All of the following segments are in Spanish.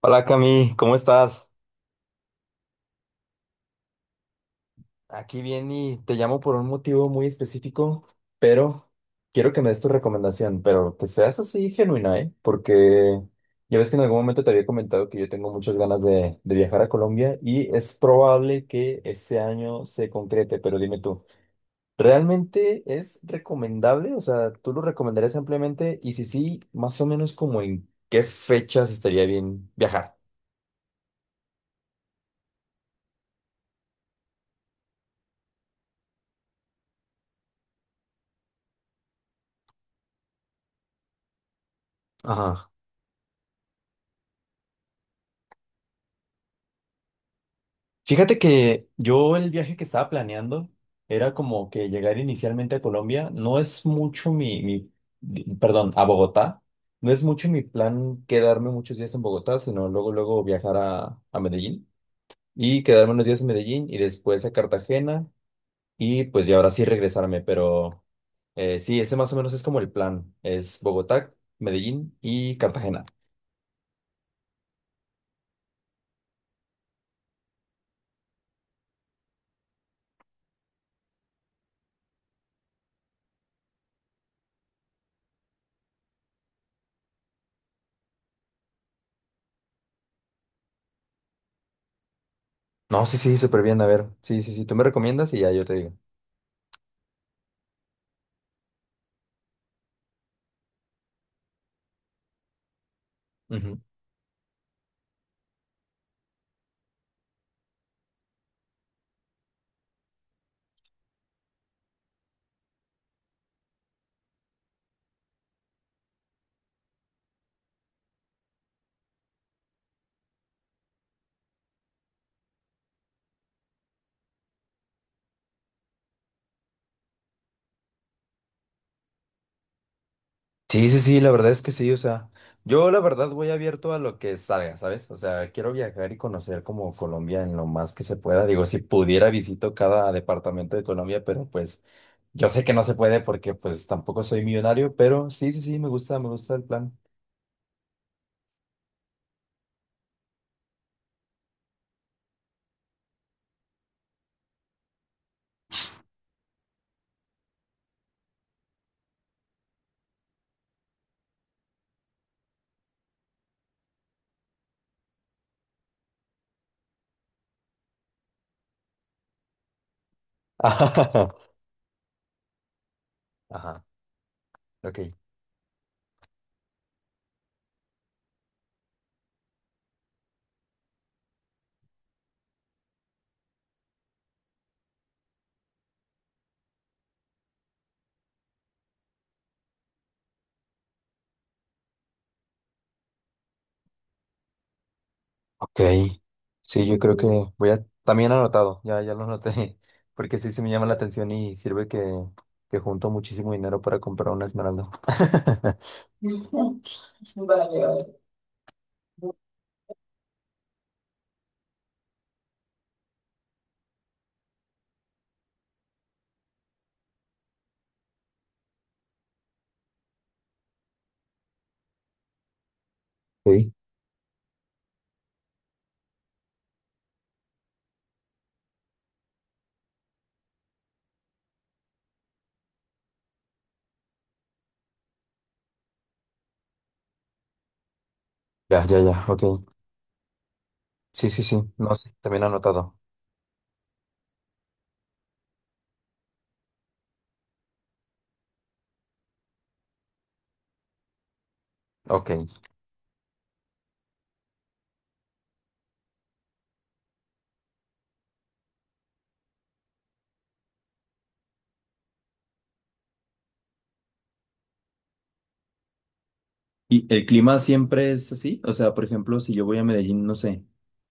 Hola Cami, ¿cómo estás? Aquí bien y te llamo por un motivo muy específico, pero quiero que me des tu recomendación, pero que seas así genuina, ¿eh? Porque ya ves que en algún momento te había comentado que yo tengo muchas ganas de viajar a Colombia y es probable que este año se concrete, pero dime tú, ¿realmente es recomendable? O sea, ¿tú lo recomendarías ampliamente? Y si sí, más o menos como en qué fechas estaría bien viajar. Fíjate que yo el viaje que estaba planeando era como que llegar inicialmente a Colombia. No es mucho perdón, a Bogotá. No es mucho mi plan quedarme muchos días en Bogotá, sino luego, luego viajar a Medellín y quedarme unos días en Medellín y después a Cartagena y pues ya ahora sí regresarme. Pero sí, ese más o menos es como el plan. Es Bogotá, Medellín y Cartagena. No, sí, sí, súper bien. A ver, sí, sí, sí, tú me recomiendas y ya yo te digo. Sí, sí, sí, la verdad es que sí, o sea, yo la verdad voy abierto a lo que salga, ¿sabes? O sea, quiero viajar y conocer como Colombia en lo más que se pueda. Digo, si pudiera visito cada departamento de Colombia, pero pues yo sé que no se puede porque pues tampoco soy millonario, pero sí, sí, sí, me gusta el plan. Ajá, ok. Ok, sí, yo creo que voy a, también anotado, ya, ya lo anoté, porque sí, se me llama la atención y sirve que junto muchísimo dinero para comprar una esmeralda. Ok. Ya, ya, ya, ok. Sí, sí, sí, no sé, también anotado. Ok. ¿Y el clima siempre es así? O sea, por ejemplo, si yo voy a Medellín, no sé,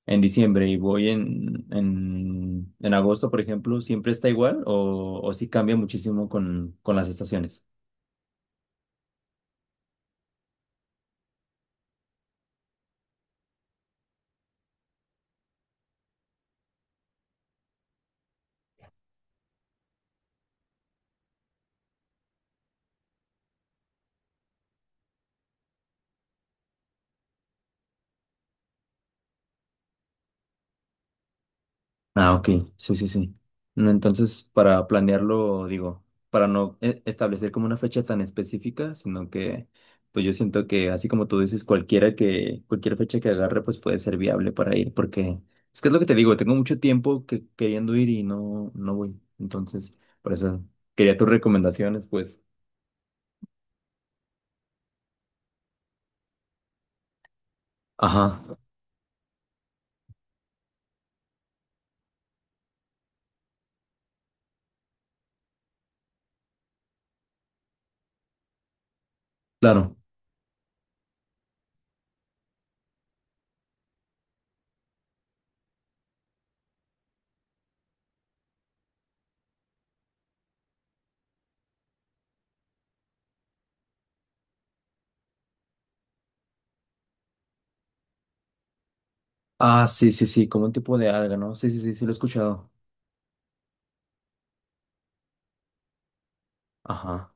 en diciembre y voy en agosto, por ejemplo, ¿siempre está igual o sí cambia muchísimo con las estaciones? Ah, ok, sí, sí, sí. No, entonces, para planearlo, digo, para no establecer como una fecha tan específica, sino que, pues yo siento que, así como tú dices, cualquiera que, cualquier fecha que agarre, pues puede ser viable para ir, porque es que es lo que te digo, tengo mucho tiempo que, queriendo ir y no, no voy. Entonces, por eso quería tus recomendaciones, pues. Ajá, claro. Ah, sí, sí, sí, como un tipo de alga, ¿no? Sí, sí, sí, sí, lo he escuchado. Ajá.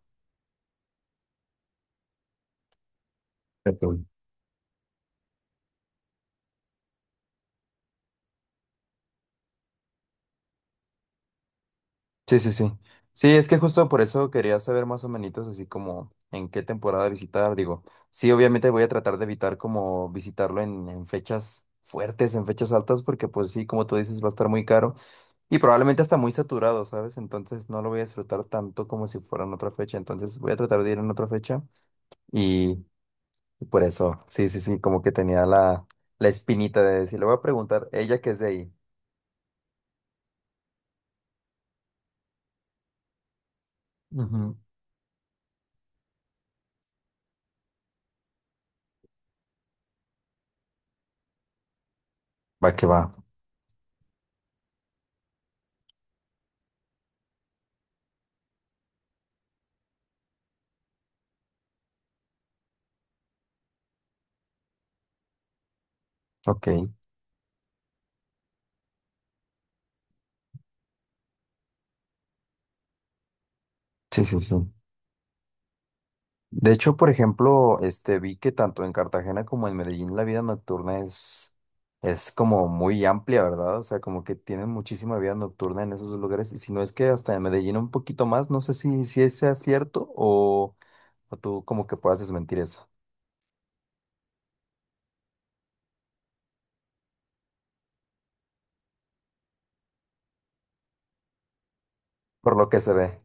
Sí, sí, sí. Sí, es que justo por eso quería saber más o menos así como en qué temporada visitar. Digo, sí, obviamente voy a tratar de evitar como visitarlo en fechas fuertes, en fechas altas, porque pues sí, como tú dices, va a estar muy caro y probablemente hasta muy saturado, ¿sabes? Entonces no lo voy a disfrutar tanto como si fuera en otra fecha. Entonces voy a tratar de ir en otra fecha y y por eso, sí, sí, sí, como que tenía la, la espinita de decir, le voy a preguntar, ella que es de ahí. Ujú. Va que va. Ok. Sí, sí, sí. De hecho, por ejemplo, este vi que tanto en Cartagena como en Medellín la vida nocturna es como muy amplia, ¿verdad? O sea, como que tienen muchísima vida nocturna en esos lugares. Y si no es que hasta en Medellín un poquito más, no sé si, si ese sea cierto o tú como que puedas desmentir eso, por lo que se ve.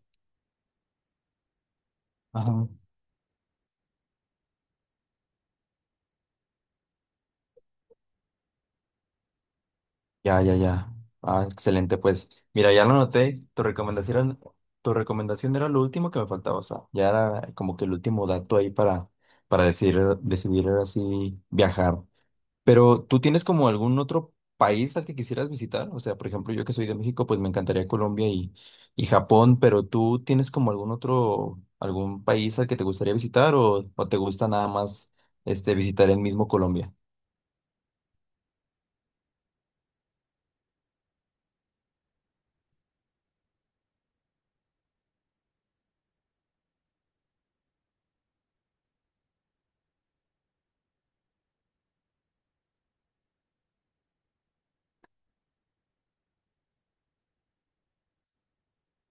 Ajá. Ya, ya, ya. Ah, excelente, pues. Mira, ya lo noté. Tu recomendación era lo último que me faltaba. O sea, ya era como que el último dato ahí para decidir, decidir así viajar. Pero ¿tú tienes como algún otro país al que quisieras visitar? O sea, por ejemplo, yo que soy de México, pues me encantaría Colombia y Japón, pero ¿tú tienes como algún otro, algún país al que te gustaría visitar o te gusta nada más este, visitar el mismo Colombia?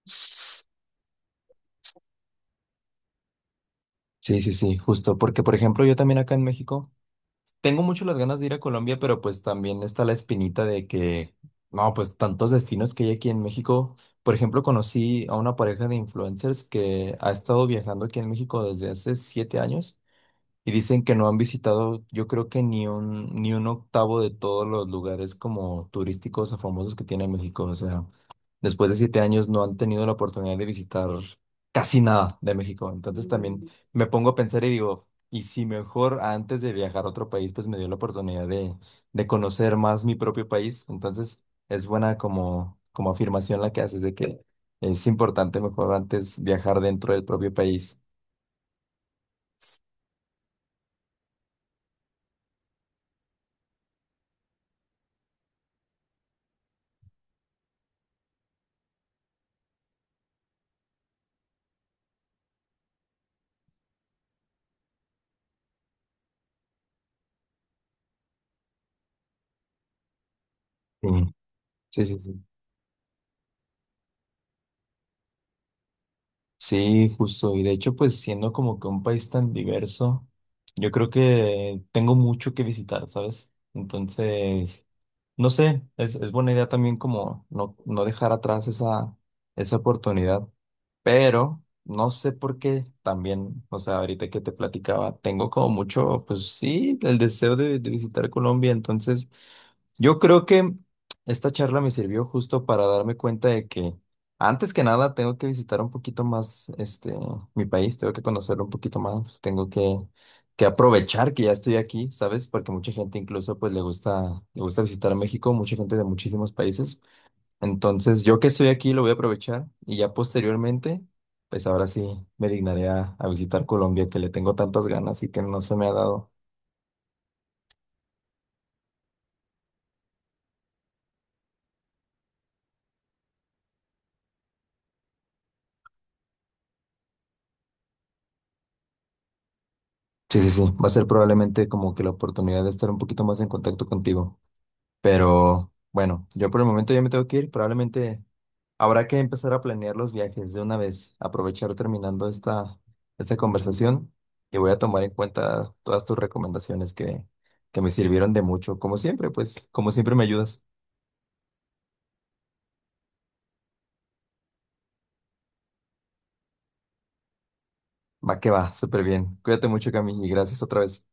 Sí, sí, sí, justo, porque por ejemplo yo también acá en México tengo mucho las ganas de ir a Colombia, pero pues también está la espinita de que, no, pues tantos destinos que hay aquí en México. Por ejemplo, conocí a una pareja de influencers que ha estado viajando aquí en México desde hace 7 años y dicen que no han visitado, yo creo que ni un, ni un octavo de todos los lugares como turísticos o famosos que tiene México. O sea, después de 7 años no han tenido la oportunidad de visitar casi nada de México. Entonces también me pongo a pensar y digo, y si mejor antes de viajar a otro país, pues me dio la oportunidad de conocer más mi propio país. Entonces es buena como, como afirmación la que haces de que es importante mejor antes viajar dentro del propio país. Sí, sí, sí. Sí, sí, justo. Y de hecho, pues siendo como que un país tan diverso, yo creo que tengo mucho que visitar, ¿sabes? Entonces... No sé, es buena idea también como no, no dejar atrás esa, esa oportunidad, pero no sé por qué también, o sea, ahorita que te platicaba, tengo como mucho, pues sí, el deseo de visitar Colombia, entonces yo creo que esta charla me sirvió justo para darme cuenta de que antes que nada tengo que visitar un poquito más este mi país, tengo que conocerlo un poquito más, tengo que aprovechar que ya estoy aquí, ¿sabes? Porque mucha gente incluso pues le gusta visitar México, mucha gente de muchísimos países. Entonces, yo que estoy aquí lo voy a aprovechar y ya posteriormente pues ahora sí me dignaré a visitar Colombia que le tengo tantas ganas y que no se me ha dado. Sí, sí, sí. Va a ser probablemente como que la oportunidad de estar un poquito más en contacto contigo. Pero bueno, yo por el momento ya me tengo que ir. Probablemente habrá que empezar a planear los viajes de una vez. Aprovechar terminando esta, esta conversación y voy a tomar en cuenta todas tus recomendaciones que me sirvieron de mucho. Como siempre, pues, como siempre me ayudas. Va que va, súper bien. Cuídate mucho, Cami, y gracias otra vez.